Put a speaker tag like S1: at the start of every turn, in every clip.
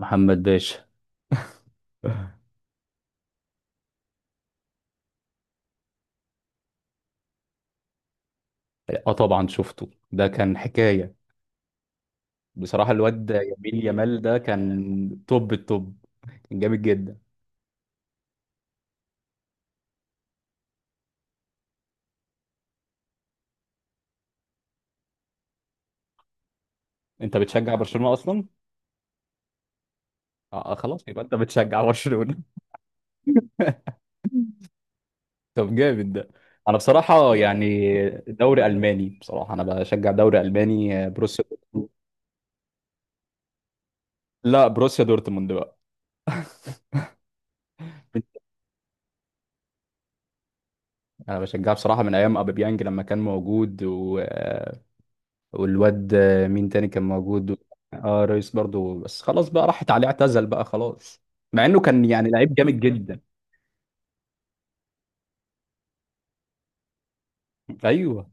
S1: محمد باشا. اه، طبعا شفته، ده كان حكاية بصراحة. الواد يمين يامال ده كان توب التوب، كان جامد جدا. انت بتشجع برشلونة اصلا؟ آه، خلاص يبقى انت بتشجع برشلونة. طب جامد ده. انا بصراحة يعني دوري الماني، بصراحة انا بشجع دوري الماني، بروسيا دورتموند. لا، بروسيا دورتموند بقى. انا بشجعها بصراحة من ايام ابيبيانج لما كان موجود و... آه، والواد، مين تاني كان موجود؟ اه رئيس برضو، بس خلاص بقى، راحت عليه، اعتزل بقى خلاص، مع انه كان يعني لعيب جامد جدا. ايوه.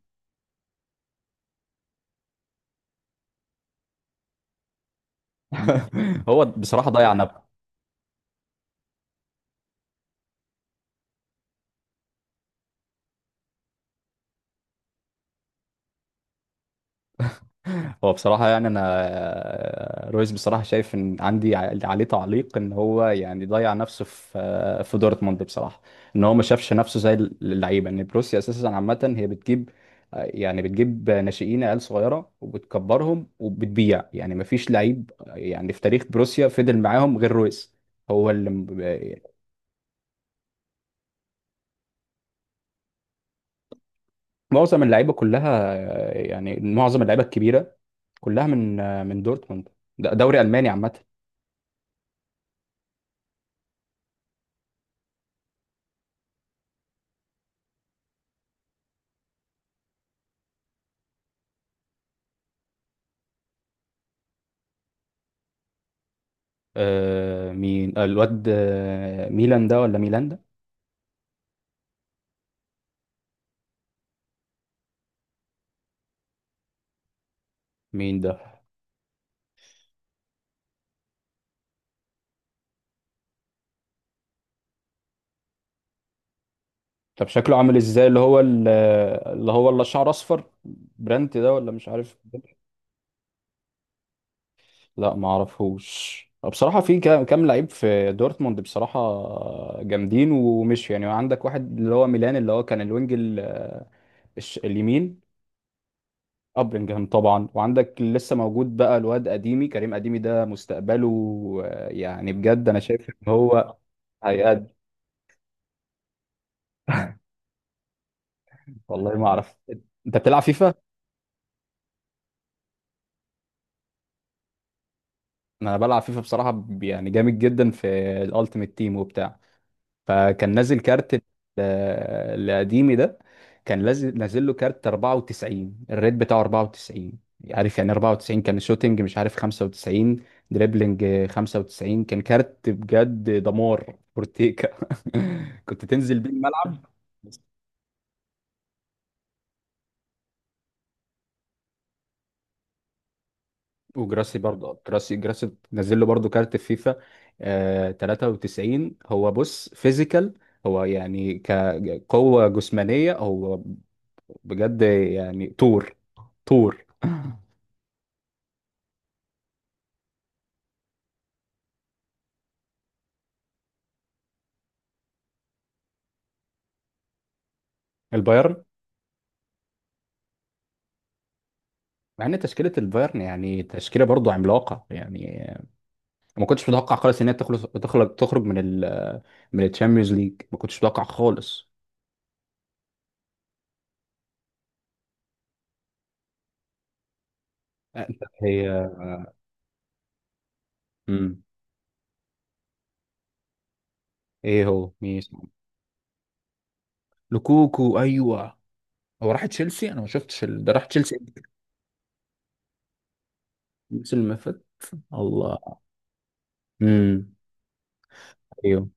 S1: هو بصراحة ضيع نفسه. هو بصراحة يعني أنا رويز بصراحة شايف إن عندي عليه تعليق، إن هو يعني ضيع نفسه في في دورتموند بصراحة. إن هو ما شافش نفسه زي اللعيبة، إن بروسيا أساسا عامة هي بتجيب يعني بتجيب ناشئين، عيال صغيرة، وبتكبرهم وبتبيع، يعني ما فيش لعيب يعني في تاريخ بروسيا فضل معاهم غير رويز. هو اللي معظم اللعيبة كلها، يعني معظم اللعيبة الكبيرة كلها من من دورتموند. ده دوري ألماني عامة. آه مين؟ الواد ميلان ده ولا ميلان ده؟ مين ده؟ طب شكله عامل ازاي اللي هو اللي هو اللي شعر اصفر، برانت ده ولا مش عارف. لا ما اعرفوش بصراحه. في كام لعيب في دورتموند بصراحه جامدين، ومش يعني. عندك واحد اللي هو ميلان اللي هو كان الوينج اليمين. ابرنجهام طبعا. وعندك اللي لسه موجود بقى الواد قديمي، كريم قديمي ده، مستقبله يعني بجد انا شايف ان هو هيأدي. والله ما اعرف. انت بتلعب فيفا؟ انا بلعب فيفا بصراحه، يعني جامد جدا في الالتيميت تيم وبتاع. فكان نازل كارت القديمي ده، كان نازل، له كارت 94، الريت بتاعه 94، عارف يعني. 94 كان شوتنج، مش عارف، 95 دريبلينج. 95 كان كارت بجد دمار فورتيكا. كنت تنزل بيه الملعب. وجراسي برضه، جراسي نزل له برضه كارت في فيفا، آه 93. هو بص فيزيكال، هو يعني كقوة جسمانية، هو بجد يعني طور، طور. البايرن. مع ان تشكيلة البايرن يعني تشكيلة برضه عملاقة يعني، ما كنتش متوقع خالص ان هي تخلص تخرج تخرج من ال من الشامبيونز ليج، ما كنتش متوقع خالص. آه، هي مم. ايه هو مين اسمه؟ لوكوكو، ايوه. هو راح تشيلسي؟ انا ما شفتش ده راح تشيلسي. نفس المفت. الله. امم. ايوه.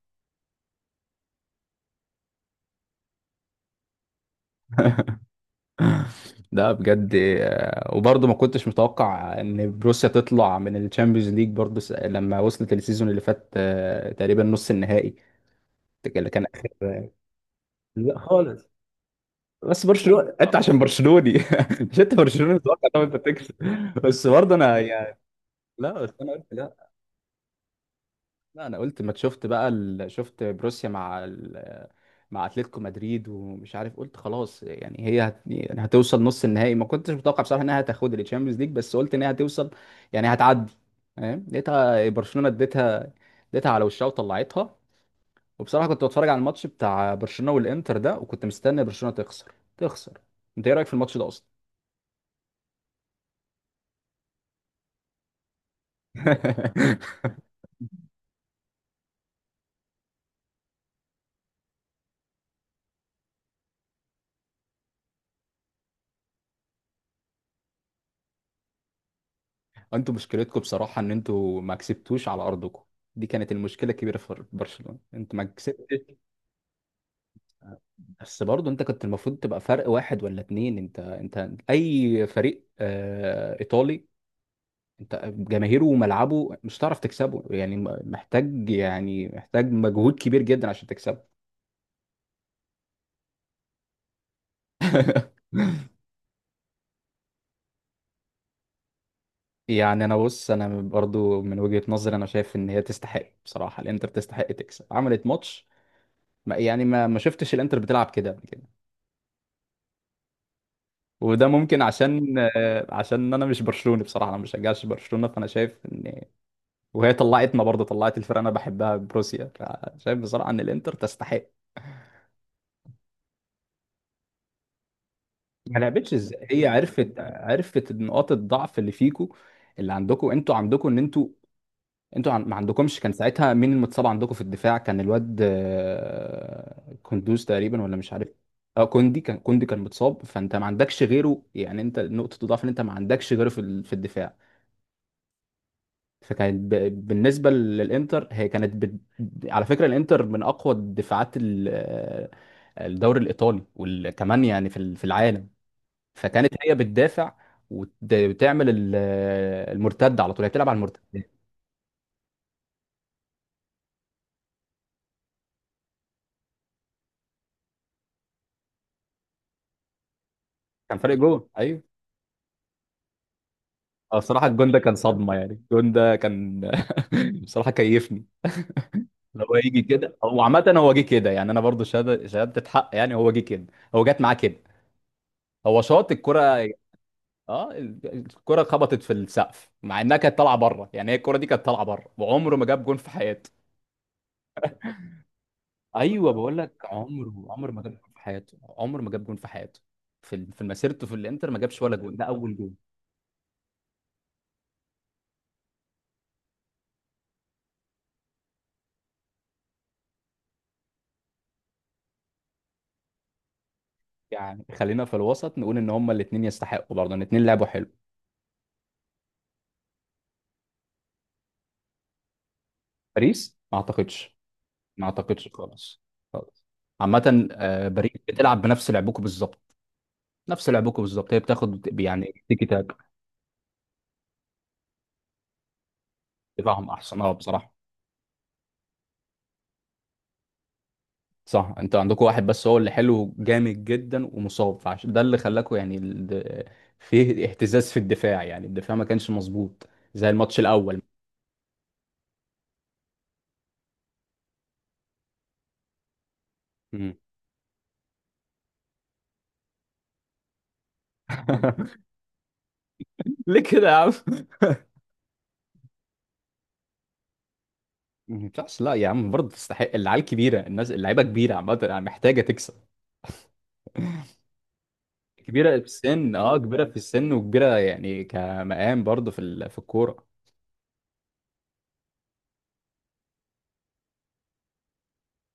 S1: ده بجد، وبرضه ما كنتش متوقع ان بروسيا تطلع من الشامبيونز ليج برضه، لما وصلت السيزون اللي فات تقريبا نص النهائي اللي كان اخر. لا خالص. بس برشلونه، انت عشان برشلوني. مش انت برشلوني؟ متوقع طبعا انت تكسب. بس برضه انا يعني، لا بس انا قلت لا، لا انا قلت ما شفت بقى شفت بروسيا مع مع اتلتيكو مدريد، ومش عارف، قلت خلاص يعني هي يعني هتوصل نص النهائي. ما كنتش متوقع بصراحه انها هتاخد الشامبيونز ليج، بس قلت انها هتوصل، يعني هتعدي، فاهم؟ لقيتها برشلونه اديتها، اديتها على وشها وطلعتها. وبصراحه كنت بتفرج على الماتش بتاع برشلونه والانتر ده، وكنت مستني برشلونه تخسر. انت ايه رايك في الماتش ده اصلا؟ انتوا مشكلتكم بصراحة ان انتوا ما كسبتوش على ارضكم. دي كانت المشكلة الكبيرة في برشلونة، انتوا ما كسبتش. بس برضه انت كنت المفروض تبقى فرق واحد ولا اتنين. انت اي فريق آه ايطالي، انت جماهيره وملعبه مش هتعرف تكسبه يعني، محتاج يعني محتاج مجهود كبير جدا عشان تكسبه. يعني انا بص، انا برضو من وجهة نظري انا شايف ان هي تستحق بصراحة، الانتر تستحق تكسب، عملت ماتش ما يعني ما شفتش الانتر بتلعب كده قبل كده. وده ممكن عشان عشان انا مش برشلوني بصراحه، انا ما بشجعش برشلونه، فانا شايف ان، وهي طلعتنا برضه، طلعت الفرقه انا بحبها بروسيا، فشايف بصراحه ان الانتر تستحق. ما لعبتش ازاي؟ هي عرفت، نقاط الضعف اللي فيكو، اللي عندكم. انتوا عندكم ان انتوا ما عندكمش. كان ساعتها مين المتصاب عندكم في الدفاع؟ كان الواد كندوز تقريبا ولا مش عارف. اه كوندي، كان كوندي كان متصاب، فانت ما عندكش غيره يعني. انت نقطه الضعف ان انت ما عندكش غيره في في الدفاع. فكانت بالنسبه للانتر، هي كانت على فكره الانتر من اقوى الدفاعات الدوري الايطالي، وكمان يعني في في العالم. فكانت هي بتدافع، وتعمل المرتده على طول، هي بتلعب على المرتده. كان فرق جون، ايوه. اه الصراحه الجون ده كان صدمه، يعني الجون ده كان... بصراحه كيفني. هو يجي كده، هو عامه هو جه كده، يعني انا برضو شهاده، شهاده حق يعني، هو جه كده. هو جت معاه كده، هو شاط الكرة. اه الكرة خبطت في السقف مع انها كانت طالعة بره، يعني هي الكرة دي كانت طالعة بره. وعمره ما جاب جون في حياته. ايوه بقول لك، عمره ما جاب جون في حياته، عمره ما جاب جون في حياته في في مسيرته في الانتر، ما جابش ولا جون، ده اول جون. يعني خلينا في الوسط نقول ان هما الاثنين يستحقوا برضه، ان الاثنين لعبوا حلو. باريس؟ ما اعتقدش، ما اعتقدش خالص، خالص. عامة باريس بتلعب بنفس لعبكم بالظبط، نفس لعبكم بالظبط. هي بتاخد يعني تيكي تاك. دفاعهم احسن، اه بصراحة. صح، انتوا عندكم واحد بس هو اللي حلو، جامد جدا ومصاب، فعشان ده اللي خلاكوا يعني، فيه اهتزاز في الدفاع، يعني الدفاع ما كانش مظبوط زي الماتش الاول. مم. ليه كده يا عم؟ ما ينفعش؟ لا يا عم برضه تستحق، العيال كبيره، الناس اللعيبه كبيره عامه، يعني محتاجه تكسب. كبيره في السن، اه كبيره في السن وكبيره يعني كمقام برضه في في الكوره.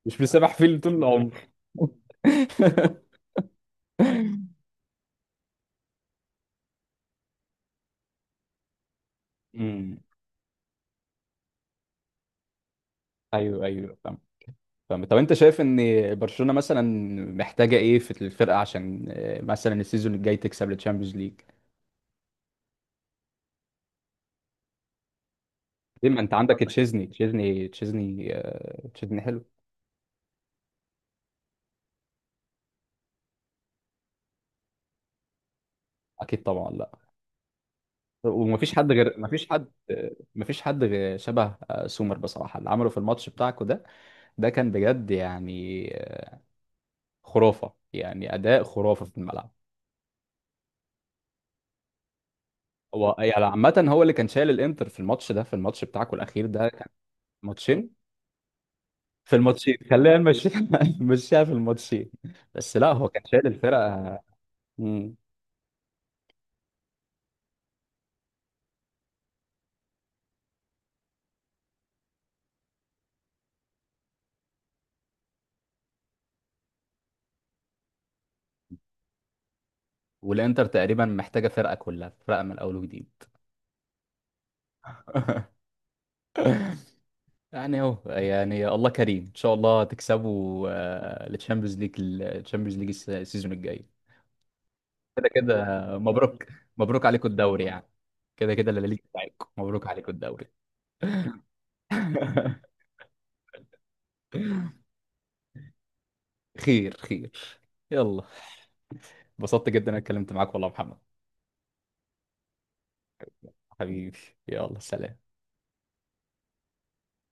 S1: مش بيسامح فيه طول العمر. مم. امم. ايوه ايوه فاهم، فاهم. طب انت شايف ان برشلونة مثلا محتاجة ايه في الفرقة عشان مثلا السيزون الجاي تكسب الشامبيونز ليج؟ ليه، ما انت عندك تشيزني، تشيزني تشيزني حلو. اكيد طبعا لا. ومفيش حد غير، مفيش حد غير شبه سومر بصراحة، اللي عمله في الماتش بتاعكو ده، ده كان بجد يعني خرافة، يعني اداء خرافة في الملعب. هو يعني عامة هو اللي كان شايل الانتر في الماتش ده، في الماتش بتاعكو الاخير ده، كان ماتشين، في الماتشين خلينا نمشيها. نمشيها في الماتشين. بس لا، هو كان شايل الفرقه. مم. والانتر تقريبا محتاجه فرقه كلها، فرقه من الاول وجديد. يعني اهو، يعني الله كريم، ان شاء الله تكسبوا التشامبيونز ليج، التشامبيونز ليج السيزون الجاي. كده كده مبروك، مبروك عليكم الدوري يعني. كده كده اللي ليج بتاعتكم، مبروك عليكم الدوري. خير خير. يلا. اتبسطت جدا انا، اتكلمت معاك والله يا محمد. حبيبي، يلا سلام.